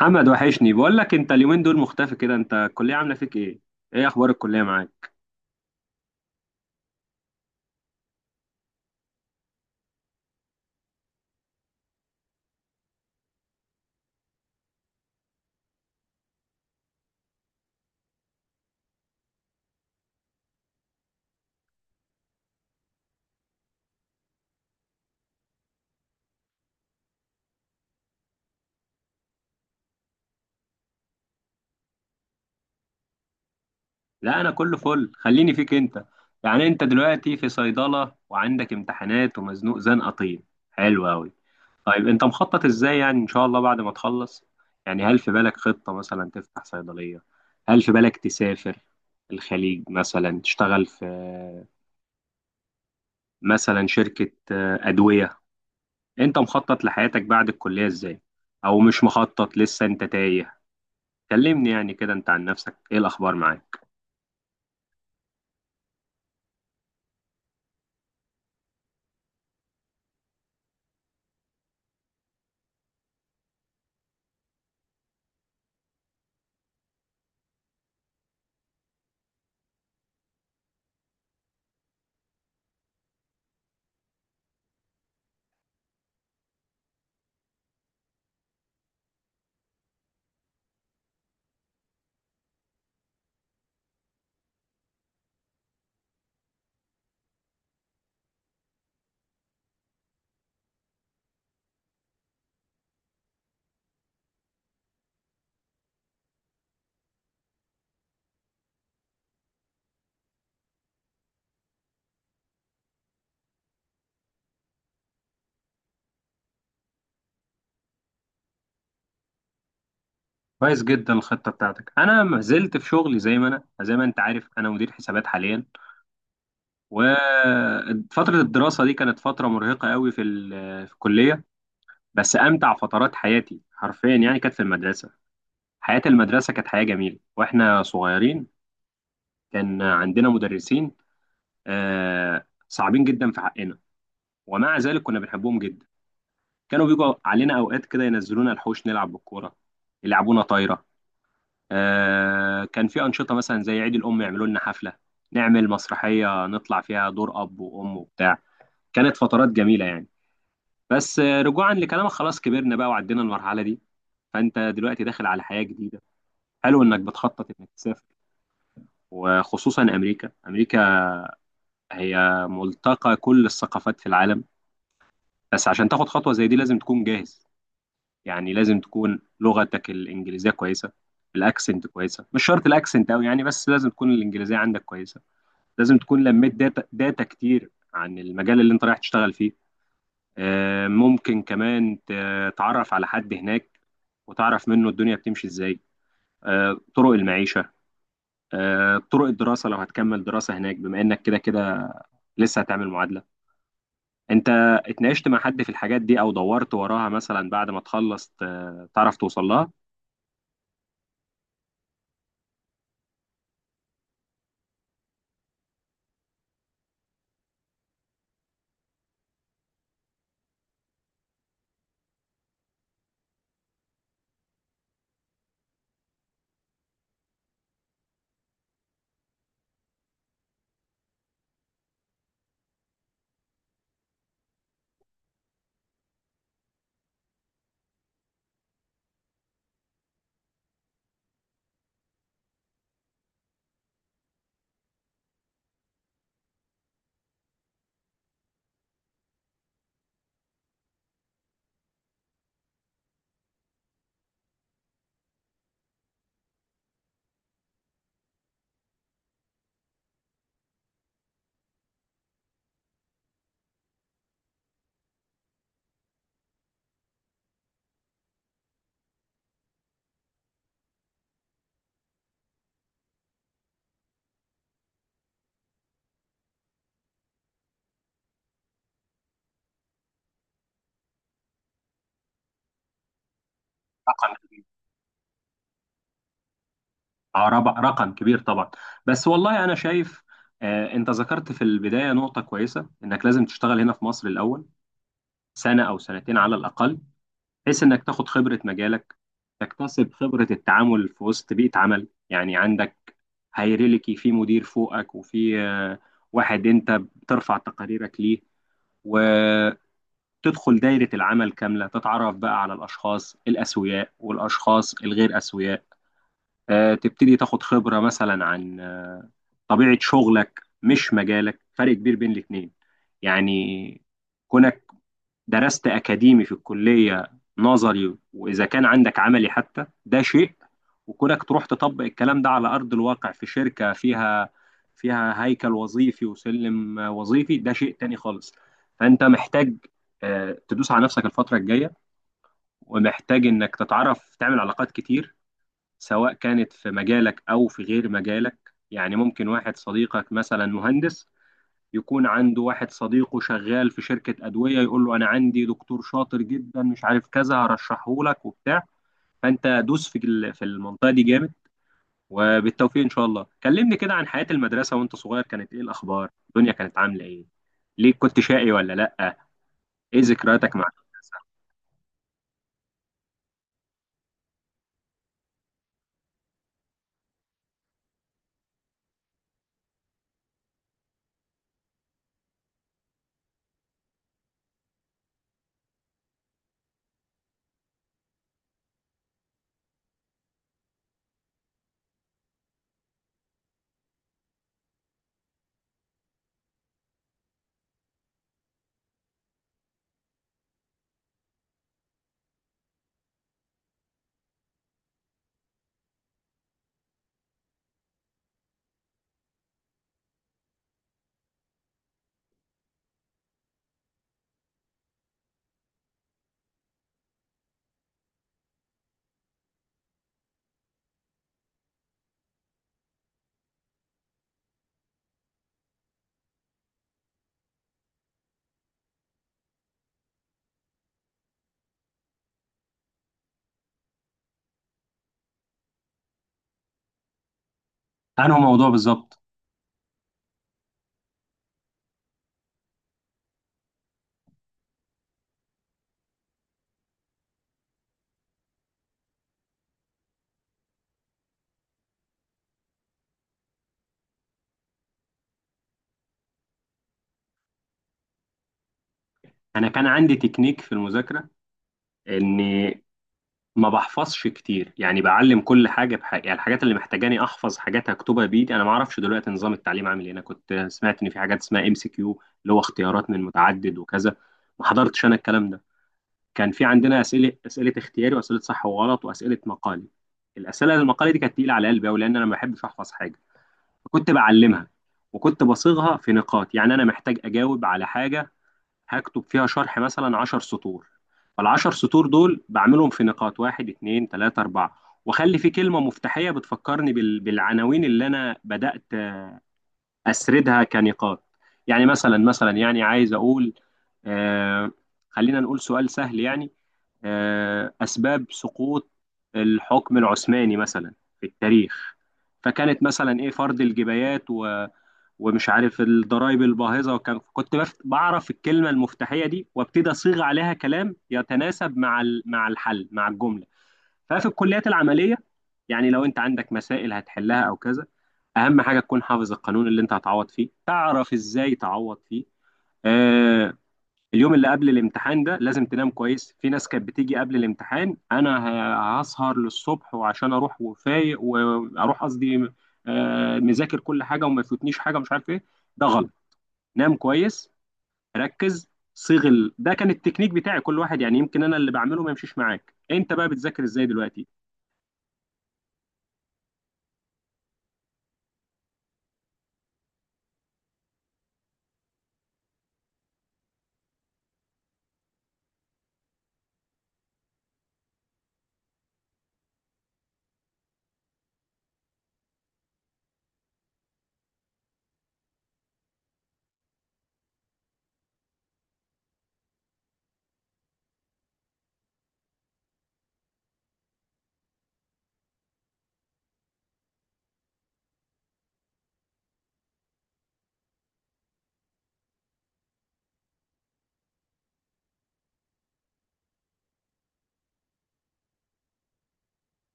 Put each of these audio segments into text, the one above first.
محمد وحشني، بقول لك انت اليومين دول مختفي كده، انت الكليه عامله فيك ايه؟ ايه اخبار الكليه معاك؟ لا، انا كله فل، خليني فيك انت. يعني انت دلوقتي في صيدله وعندك امتحانات ومزنوق زنقه طين. حلو قوي. طيب انت مخطط ازاي يعني ان شاء الله بعد ما تخلص؟ يعني هل في بالك خطه مثلا تفتح صيدليه؟ هل في بالك تسافر الخليج مثلا، تشتغل في مثلا شركه ادويه؟ انت مخطط لحياتك بعد الكليه ازاي؟ او مش مخطط لسه انت تايه؟ كلمني يعني كده، انت عن نفسك ايه الاخبار معاك؟ كويس جدا الخطه بتاعتك. انا ما زلت في شغلي زي ما انت عارف، انا مدير حسابات حاليا. وفتره الدراسه دي كانت فتره مرهقه قوي في الكليه. بس امتع فترات حياتي حرفيا يعني كانت في المدرسه. حياه المدرسه كانت حياه جميله واحنا صغيرين. كان عندنا مدرسين، صعبين جدا في حقنا، ومع ذلك كنا بنحبهم جدا. كانوا بيجوا علينا اوقات كده، ينزلونا الحوش نلعب بالكوره، يلعبونا طايره. كان في أنشطة مثلا زي عيد الأم، يعملوا لنا حفلة، نعمل مسرحية نطلع فيها دور أب وأم وبتاع. كانت فترات جميلة يعني. بس رجوعا لكلامك، خلاص كبرنا بقى وعدينا المرحلة دي. فأنت دلوقتي داخل على حياة جديدة. حلو إنك بتخطط إنك تسافر، وخصوصا أمريكا. أمريكا هي ملتقى كل الثقافات في العالم. بس عشان تاخد خطوة زي دي لازم تكون جاهز. يعني لازم تكون لغتك الإنجليزية كويسة، الأكسنت كويسة، مش شرط الأكسنت أوي يعني، بس لازم تكون الإنجليزية عندك كويسة. لازم تكون لميت داتا داتا كتير عن المجال اللي انت رايح تشتغل فيه. ممكن كمان تتعرف على حد هناك، وتعرف منه الدنيا بتمشي ازاي. طرق المعيشة، طرق الدراسة لو هتكمل دراسة هناك، بما انك كده كده لسه هتعمل معادلة. انت اتناقشت مع حد في الحاجات دي او دورت وراها مثلا بعد ما تخلص تعرف توصل لها؟ رقم كبير. رقم كبير طبعا. بس والله انا شايف. انت ذكرت في البداية نقطة كويسة، انك لازم تشتغل هنا في مصر الاول، سنة أو سنتين على الأقل، بحيث إنك تاخد خبرة مجالك، تكتسب خبرة التعامل في وسط بيئة عمل. يعني عندك هيراركي، في مدير فوقك وفي واحد أنت بترفع تقاريرك ليه، وتدخل دايرة العمل كاملة، تتعرف بقى على الأشخاص الأسوياء والأشخاص الغير أسوياء. تبتدي تاخد خبرة مثلا عن طبيعة شغلك، مش مجالك، فرق كبير بين الاتنين. يعني كونك درست أكاديمي في الكلية، نظري وإذا كان عندك عملي حتى، ده شيء. وكونك تروح تطبق الكلام ده على أرض الواقع في شركة فيها هيكل وظيفي وسلم وظيفي، ده شيء تاني خالص. فأنت محتاج تدوس على نفسك الفترة الجاية. ومحتاج إنك تتعرف تعمل علاقات كتير، سواء كانت في مجالك أو في غير مجالك. يعني ممكن واحد صديقك مثلا مهندس، يكون عنده واحد صديقه شغال في شركة أدوية، يقول له أنا عندي دكتور شاطر جدا مش عارف كذا، هرشحه لك وبتاع. فأنت دوس في المنطقة دي جامد. وبالتوفيق إن شاء الله. كلمني كده عن حياة المدرسة وأنت صغير، كانت إيه الأخبار؟ الدنيا كانت عاملة إيه؟ ليه كنت شقي ولا لأ؟ إيه ذكرياتك مع المدرسة؟ أنهي موضوع بالظبط؟ أنا كان عندي تكنيك في المذاكرة، إن ما بحفظش كتير، يعني بعلم كل حاجه بحاجه، يعني الحاجات اللي محتاجاني احفظ، حاجات هكتبها بايدي. انا ما اعرفش دلوقتي نظام التعليم عامل ايه، انا كنت سمعت ان في حاجات اسمها MCQ اللي هو اختيارات من متعدد وكذا. ما حضرتش انا الكلام ده. كان في عندنا اسئله اختياري واسئله صح وغلط واسئله مقالي. الاسئله المقالي دي كانت تقيله على قلبي قوي، لان انا ما بحبش احفظ حاجه. فكنت بعلمها، وكنت بصيغها في نقاط. يعني انا محتاج اجاوب على حاجه، هكتب فيها شرح مثلا 10 سطور، فالعشر سطور دول بعملهم في نقاط، واحد، اتنين، تلاتة، أربعة. وأخلي في كلمة مفتاحية بتفكرني بالعناوين اللي أنا بدأت أسردها كنقاط. يعني مثلا يعني عايز أقول، آه خلينا نقول سؤال سهل يعني، أسباب سقوط الحكم العثماني مثلا في التاريخ، فكانت مثلا إيه، فرض الجبايات ومش عارف الضرايب الباهظة، بعرف الكلمة المفتاحية دي وابتدي أصيغ عليها كلام يتناسب مع الحل، مع الجملة. ففي الكليات العمليه، يعني لو انت عندك مسائل هتحلها او كذا، اهم حاجه تكون حافظ القانون اللي انت هتعوض فيه، تعرف ازاي تعوض فيه. آه اليوم اللي قبل الامتحان ده لازم تنام كويس. في ناس كانت بتيجي قبل الامتحان، انا هسهر للصبح وعشان اروح وفايق، واروح قصدي مذاكر كل حاجه وما يفوتنيش حاجه مش عارف ايه. ده غلط. نام كويس، ركز، ده كان التكنيك بتاعي. كل واحد، يعني يمكن انا اللي بعمله ما يمشيش معاك. انت بقى بتذاكر ازاي دلوقتي؟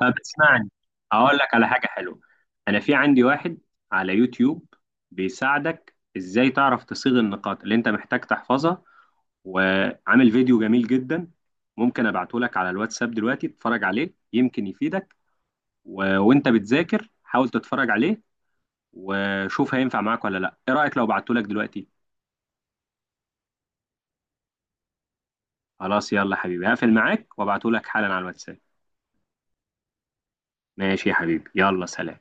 طب اسمعني، اقول لك على حاجه حلوه. انا في عندي واحد على يوتيوب، بيساعدك ازاي تعرف تصيغ النقاط اللي انت محتاج تحفظها، وعامل فيديو جميل جدا. ممكن ابعته لك على الواتساب دلوقتي تتفرج عليه، يمكن يفيدك. وانت بتذاكر حاول تتفرج عليه، وشوف هينفع معاك ولا لا. ايه رايك لو بعته لك دلوقتي؟ خلاص يلا حبيبي، هقفل معاك وابعته لك حالا على الواتساب. ماشي يا حبيبي، يلا سلام.